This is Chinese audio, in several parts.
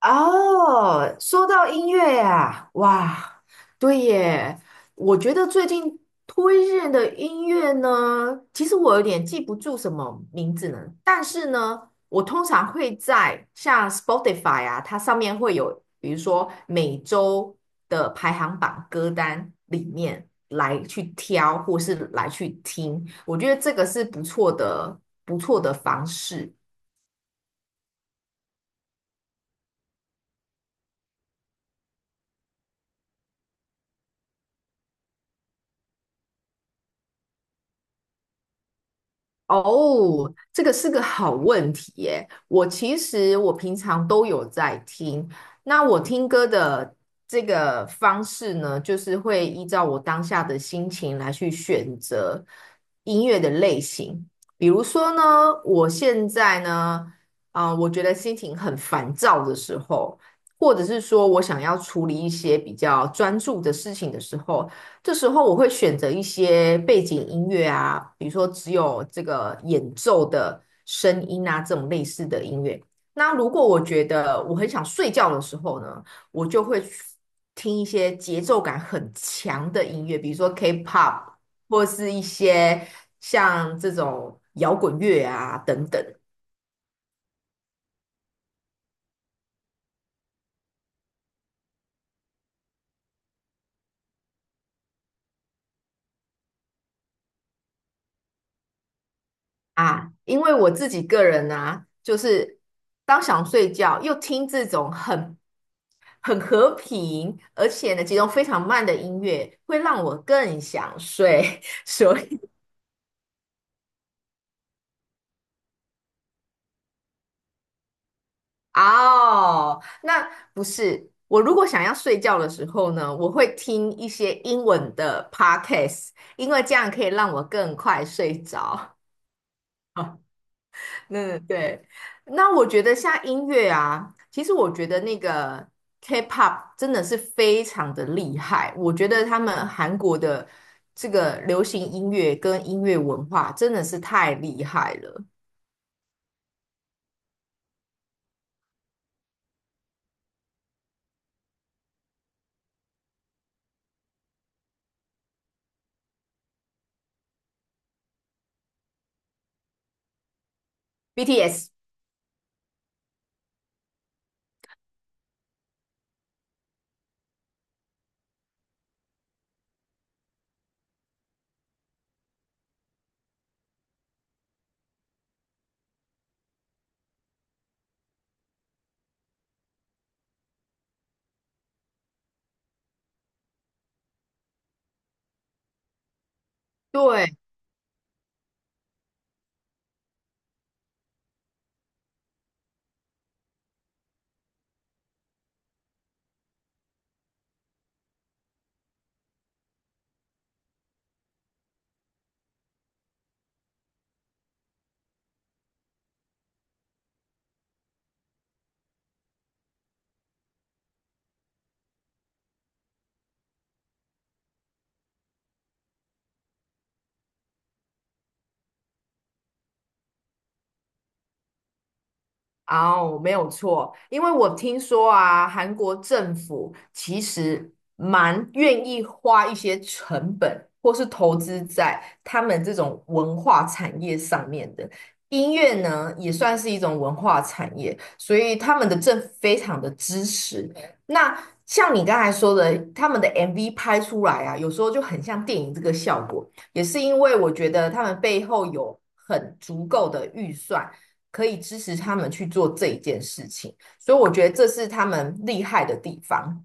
哦，说到音乐呀，哇，对耶，我觉得最近推荐的音乐呢，其实我有点记不住什么名字呢，但是呢，我通常会在像 Spotify 啊，它上面会有，比如说每周的排行榜歌单里面来去挑，或是来去听，我觉得这个是不错的，方式。哦，这个是个好问题耶。我其实我平常都有在听，那我听歌的这个方式呢，就是会依照我当下的心情来去选择音乐的类型。比如说呢，我现在呢，啊、我觉得心情很烦躁的时候，或者是说我想要处理一些比较专注的事情的时候，这时候我会选择一些背景音乐啊，比如说只有这个演奏的声音啊，这种类似的音乐。那如果我觉得我很想睡觉的时候呢，我就会去听一些节奏感很强的音乐，比如说 K-pop 或是一些像这种摇滚乐啊等等。啊，因为我自己个人啊，就是当想睡觉又听这种很和平，而且呢节奏非常慢的音乐，会让我更想睡。所以哦，那不是我如果想要睡觉的时候呢，我会听一些英文的 podcast，因为这样可以让我更快睡着。嗯，对。那我觉得像音乐啊，其实我觉得那个 K-pop 真的是非常的厉害。我觉得他们韩国的这个流行音乐跟音乐文化真的是太厉害了。BTS，对，哦，没有错，因为我听说啊，韩国政府其实蛮愿意花一些成本，或是投资在他们这种文化产业上面的。音乐呢，也算是一种文化产业，所以他们的政府非常的支持。那像你刚才说的，他们的 MV 拍出来啊，有时候就很像电影这个效果，也是因为我觉得他们背后有很足够的预算。可以支持他们去做这一件事情，所以我觉得这是他们厉害的地方。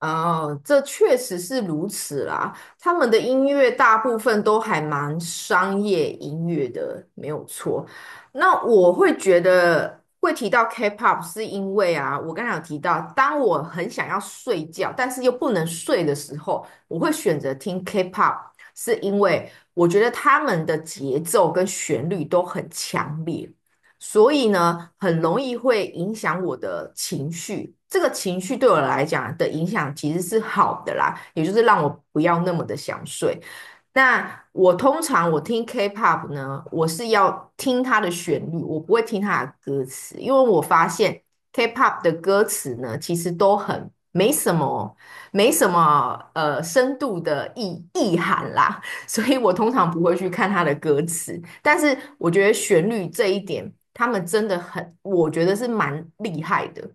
哦，这确实是如此啦。他们的音乐大部分都还蛮商业音乐的，没有错。那我会觉得会提到 K-pop 是因为啊，我刚才有提到，当我很想要睡觉，但是又不能睡的时候，我会选择听 K-pop，是因为我觉得他们的节奏跟旋律都很强烈。所以呢，很容易会影响我的情绪。这个情绪对我来讲的影响其实是好的啦，也就是让我不要那么的想睡。那我通常我听 K-pop 呢，我是要听它的旋律，我不会听它的歌词，因为我发现 K-pop 的歌词呢，其实都很没什么哦，没什么深度的意涵啦。所以我通常不会去看他的歌词，但是我觉得旋律这一点，他们真的很，我觉得是蛮厉害的。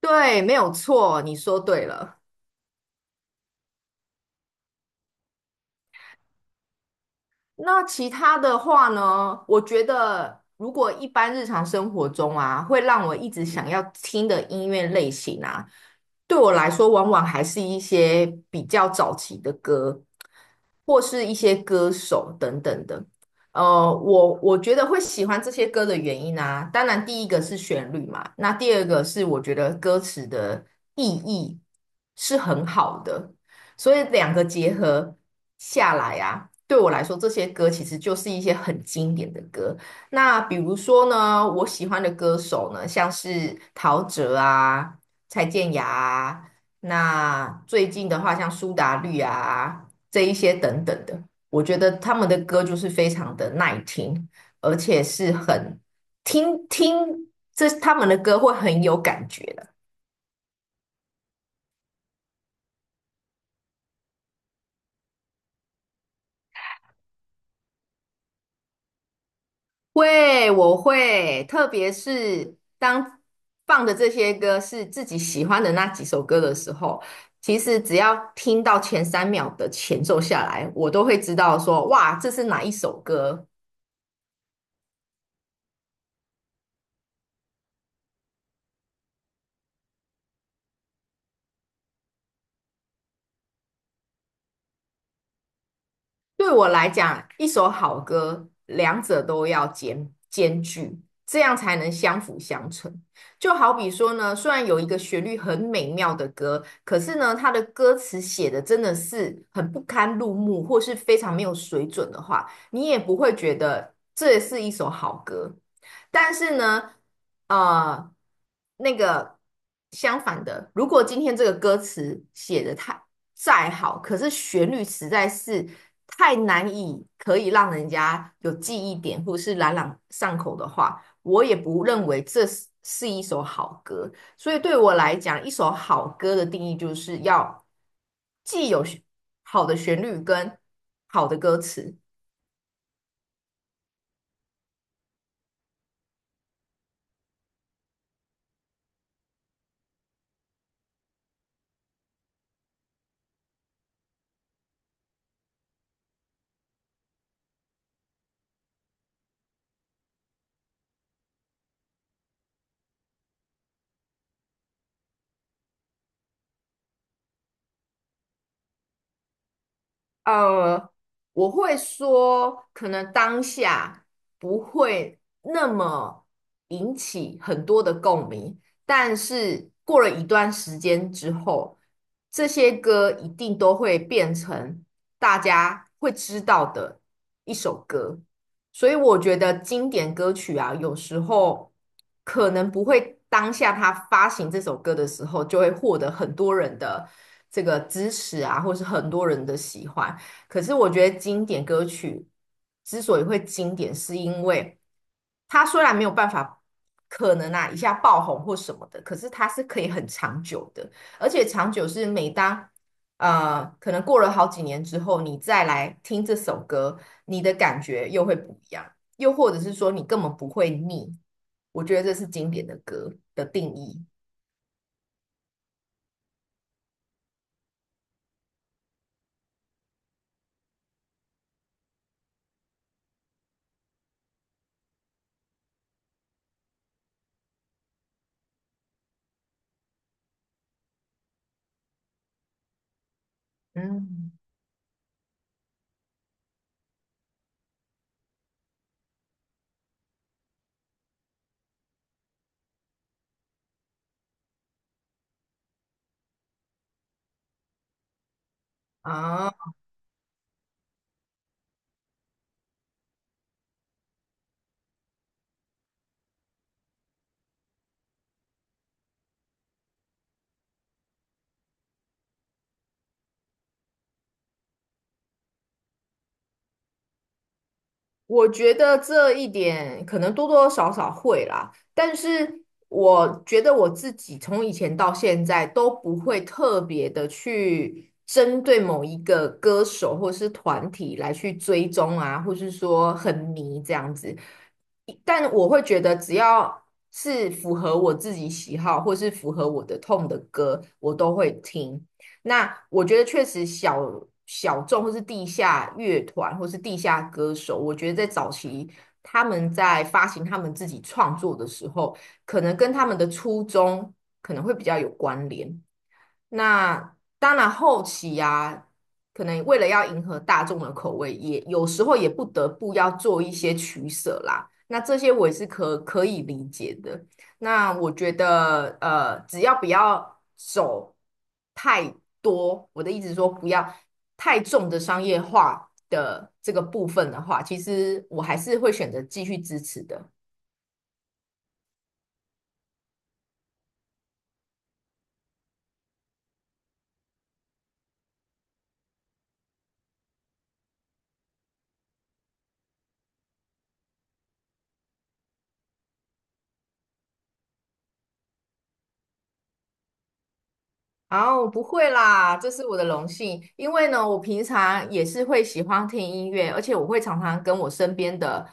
对，没有错，你说对了。那其他的话呢？我觉得，如果一般日常生活中啊，会让我一直想要听的音乐类型啊，对我来说，往往还是一些比较早期的歌，或是一些歌手等等的。呃，我觉得会喜欢这些歌的原因啊，当然第一个是旋律嘛，那第二个是我觉得歌词的意义是很好的，所以两个结合。下来啊，对我来说，这些歌其实就是一些很经典的歌。那比如说呢，我喜欢的歌手呢，像是陶喆啊、蔡健雅啊，那最近的话像苏打绿啊这一些等等的，我觉得他们的歌就是非常的耐听，而且是很听听这他们的歌会很有感觉会，我会，特别是当放的这些歌是自己喜欢的那几首歌的时候，其实只要听到前三秒的前奏下来，我都会知道说，哇，这是哪一首歌。对我来讲，一首好歌，两者都要兼具，这样才能相辅相成。就好比说呢，虽然有一个旋律很美妙的歌，可是呢，它的歌词写的真的是很不堪入目，或是非常没有水准的话，你也不会觉得这是一首好歌。但是呢，呃，那个相反的，如果今天这个歌词写的再好，可是旋律实在是太难以可以让人家有记忆点或是朗朗上口的话，我也不认为这是一首好歌。所以对我来讲，一首好歌的定义就是要既有旋好的旋律跟好的歌词。呃，我会说，可能当下不会那么引起很多的共鸣，但是过了一段时间之后，这些歌一定都会变成大家会知道的一首歌。所以我觉得经典歌曲啊，有时候可能不会当下他发行这首歌的时候，就会获得很多人的这个支持啊，或是很多人的喜欢。可是我觉得经典歌曲之所以会经典，是因为它虽然没有办法，可能啊一下爆红或什么的，可是它是可以很长久的，而且长久是每当可能过了好几年之后，你再来听这首歌，你的感觉又会不一样，又或者是说你根本不会腻。我觉得这是经典的歌的定义。嗯，啊。我觉得这一点可能多多少少会啦，但是我觉得我自己从以前到现在都不会特别的去针对某一个歌手或是团体来去追踪啊，或是说很迷这样子。但我会觉得，只要是符合我自己喜好或是符合我的痛的歌，我都会听。那我觉得确实小众或是地下乐团或是地下歌手，我觉得在早期他们在发行他们自己创作的时候，可能跟他们的初衷可能会比较有关联。那当然后期啊，可能为了要迎合大众的口味，也有时候也不得不要做一些取舍啦。那这些我也是可以理解的。那我觉得，呃，只要不要走太多，我的意思是说不要太重的商业化的这个部分的话，其实我还是会选择继续支持的。啊，我不会啦，这是我的荣幸。因为呢，我平常也是会喜欢听音乐，而且我会常常跟我身边的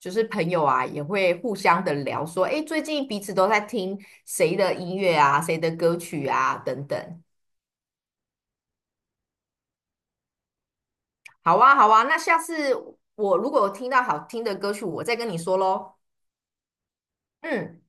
就是朋友啊，也会互相的聊说，诶，最近彼此都在听谁的音乐啊，谁的歌曲啊，等等。好啊，好啊，那下次我如果有听到好听的歌曲，我再跟你说喽。嗯。